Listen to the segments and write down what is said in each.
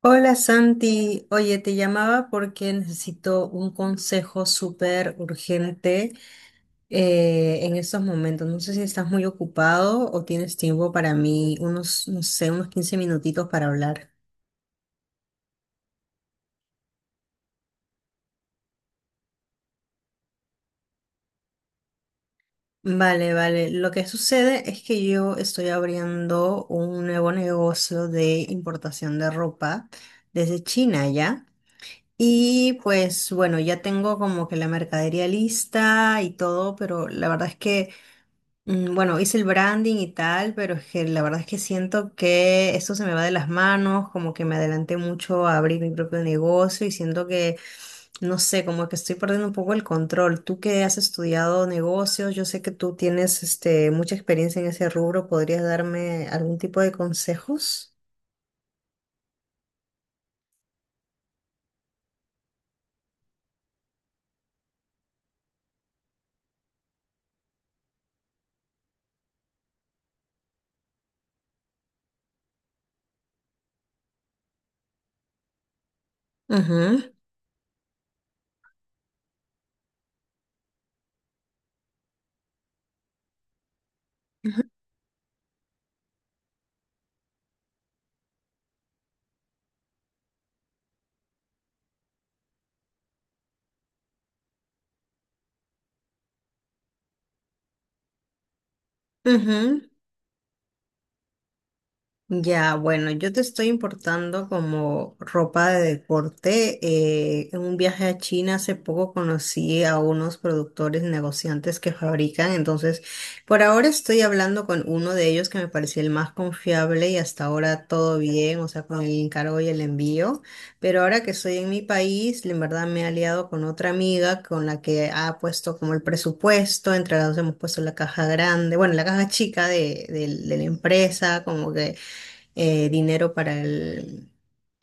Hola Santi, oye, te llamaba porque necesito un consejo súper urgente en estos momentos. No sé si estás muy ocupado o tienes tiempo para mí, unos, no sé, unos 15 minutitos para hablar. Vale, vale. Lo que sucede es que yo estoy abriendo un nuevo negocio de importación de ropa desde China, ¿ya? Y pues bueno, ya tengo como que la mercadería lista y todo, pero la verdad es que. Bueno, hice el branding y tal, pero es que la verdad es que siento que esto se me va de las manos, como que me adelanté mucho a abrir mi propio negocio y siento que, no sé, como que estoy perdiendo un poco el control. Tú que has estudiado negocios, yo sé que tú tienes mucha experiencia en ese rubro, ¿podrías darme algún tipo de consejos? Ujú, ujú, ujú. Ya, bueno, yo te estoy importando como ropa de deporte. En un viaje a China hace poco conocí a unos productores negociantes que fabrican, entonces por ahora estoy hablando con uno de ellos que me parecía el más confiable y hasta ahora todo bien, o sea, con el encargo y el envío. Pero ahora que estoy en mi país, en verdad me he aliado con otra amiga con la que ha puesto como el presupuesto, entre las dos hemos puesto la caja grande, bueno, la caja chica de la empresa, como que dinero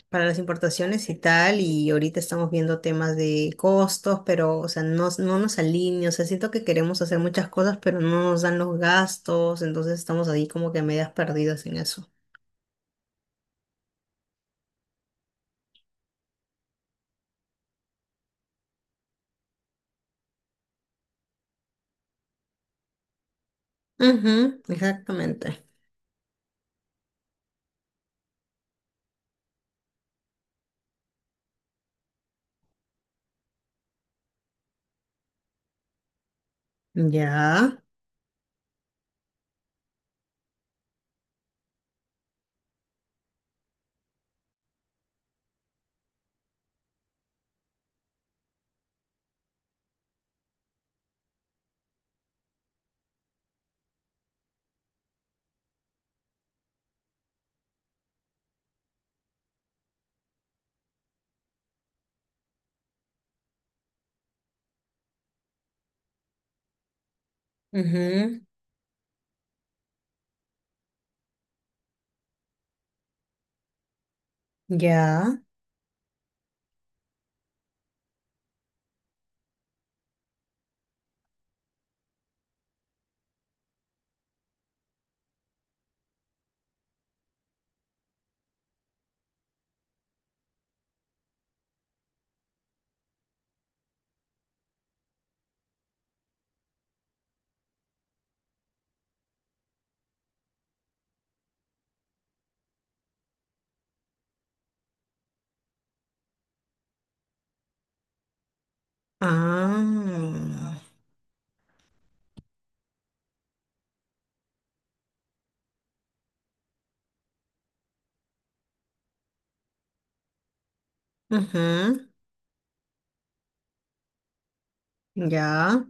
para las importaciones y tal, y ahorita estamos viendo temas de costos, pero, o sea, no, no nos alinea, o sea, siento que queremos hacer muchas cosas, pero no nos dan los gastos, entonces estamos ahí como que medias perdidas en eso. Ujú, exactamente. Ya. Ujú. Ya. Ah. Ujú. Ya.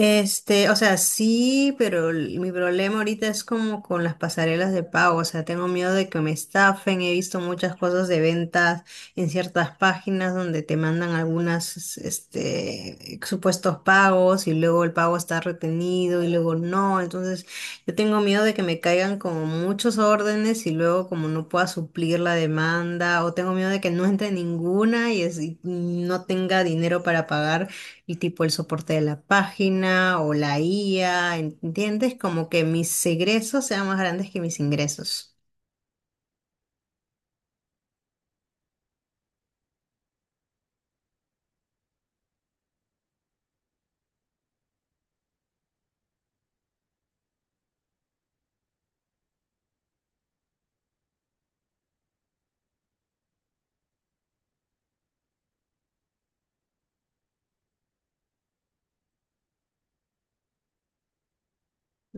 O sea, sí, pero mi problema ahorita es como con las pasarelas de pago, o sea, tengo miedo de que me estafen, he visto muchas cosas de ventas en ciertas páginas donde te mandan algunas, supuestos pagos y luego el pago está retenido y luego no, entonces yo tengo miedo de que me caigan como muchos órdenes y luego como no pueda suplir la demanda o tengo miedo de que no entre ninguna y no tenga dinero para pagar y tipo el soporte de la página o la IA, ¿entiendes? Como que mis egresos sean más grandes que mis ingresos.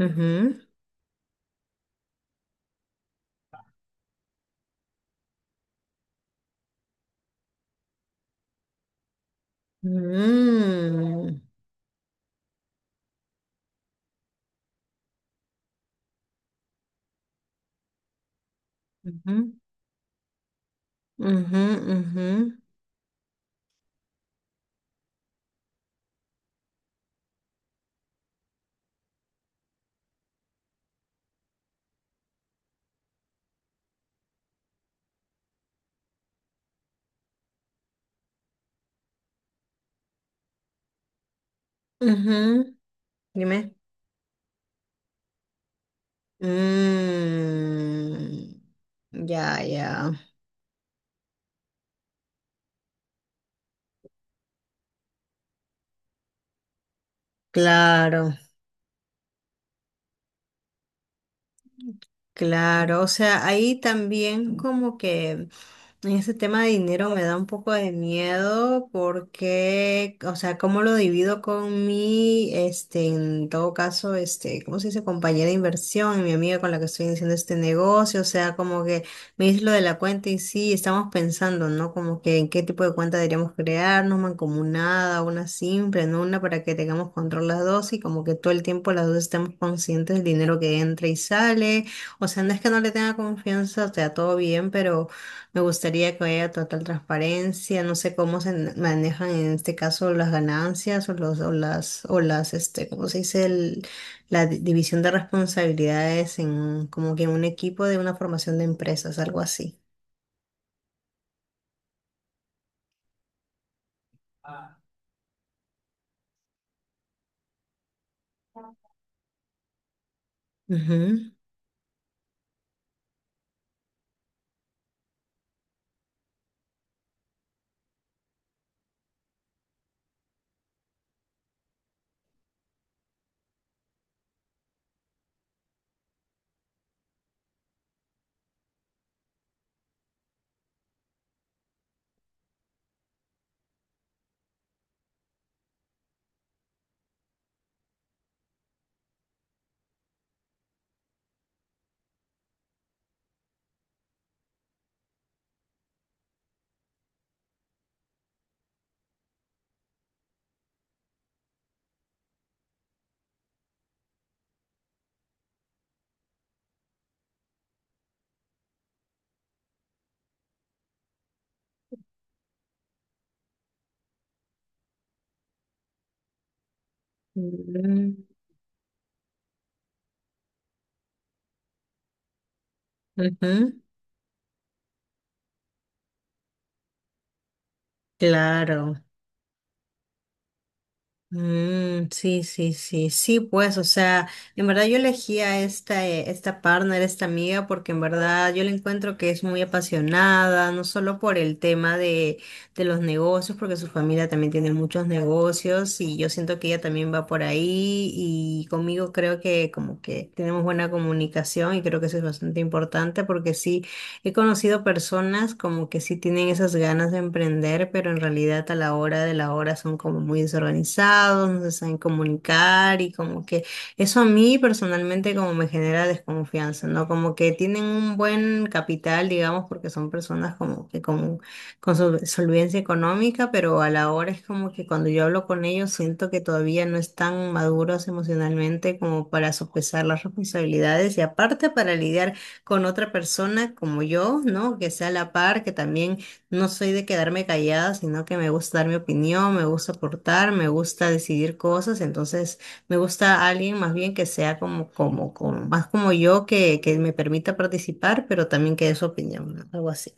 Ujú. Mm. Ujú, ujú, ujú, ujú. Dime. Mm. Ya, ya. Claro, claro. O sea, ahí también como que ese tema de dinero me da un poco de miedo porque, o sea, cómo lo divido con mi, en todo caso, ¿cómo se dice? Compañera de inversión, y mi amiga con la que estoy iniciando este negocio, o sea, como que me dice lo de la cuenta y sí, estamos pensando, ¿no? Como que en qué tipo de cuenta deberíamos crearnos, mancomunada, una simple, ¿no? Una para que tengamos control las dos y como que todo el tiempo las dos estemos conscientes del dinero que entra y sale, o sea, no es que no le tenga confianza, o sea, todo bien. Me gustaría que haya total transparencia. No sé cómo manejan en este caso las ganancias o los o las ¿cómo se dice? La división de responsabilidades en como que en un equipo de una formación de empresas, algo así. Ujú. Mm, ujú. Claro. Mm, sí, sí, sí, sí, pues, o sea, en verdad yo elegí a esta partner, esta amiga, porque en verdad yo le encuentro que es muy apasionada, no solo por el tema de los negocios, porque su familia también tiene muchos negocios y yo siento que ella también va por ahí y conmigo creo que como que tenemos buena comunicación y creo que eso es bastante importante porque sí. He conocido personas como que sí tienen esas ganas de emprender, pero en realidad a la hora de la hora son como muy desorganizados, no se saben comunicar y como que eso a mí personalmente como me genera desconfianza, ¿no? Como que tienen un buen capital, digamos, porque son personas como que con solvencia económica, pero a la hora es como que cuando yo hablo con ellos siento que todavía no están maduros emocionalmente como para sopesar las responsabilidades y aparte para lidiar con otra persona como yo, ¿no? Que sea a la par, que también no soy de quedarme callada, sino que me gusta dar mi opinión, me gusta aportar, me gusta decidir cosas, entonces me gusta alguien más bien que sea como más como yo, que me permita participar, pero también que dé su opinión, ¿no? Algo así.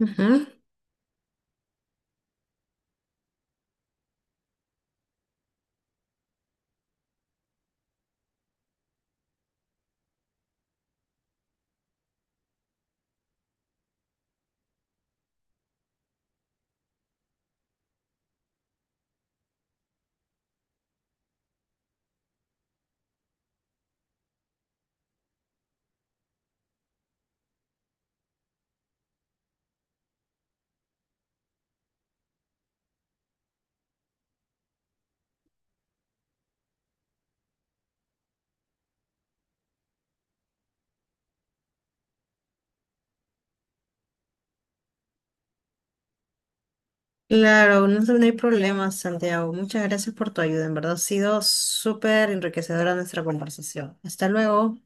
Ujú. Claro, no, no hay problema, Santiago. Muchas gracias por tu ayuda. En verdad ha sido súper enriquecedora nuestra conversación. Hasta luego.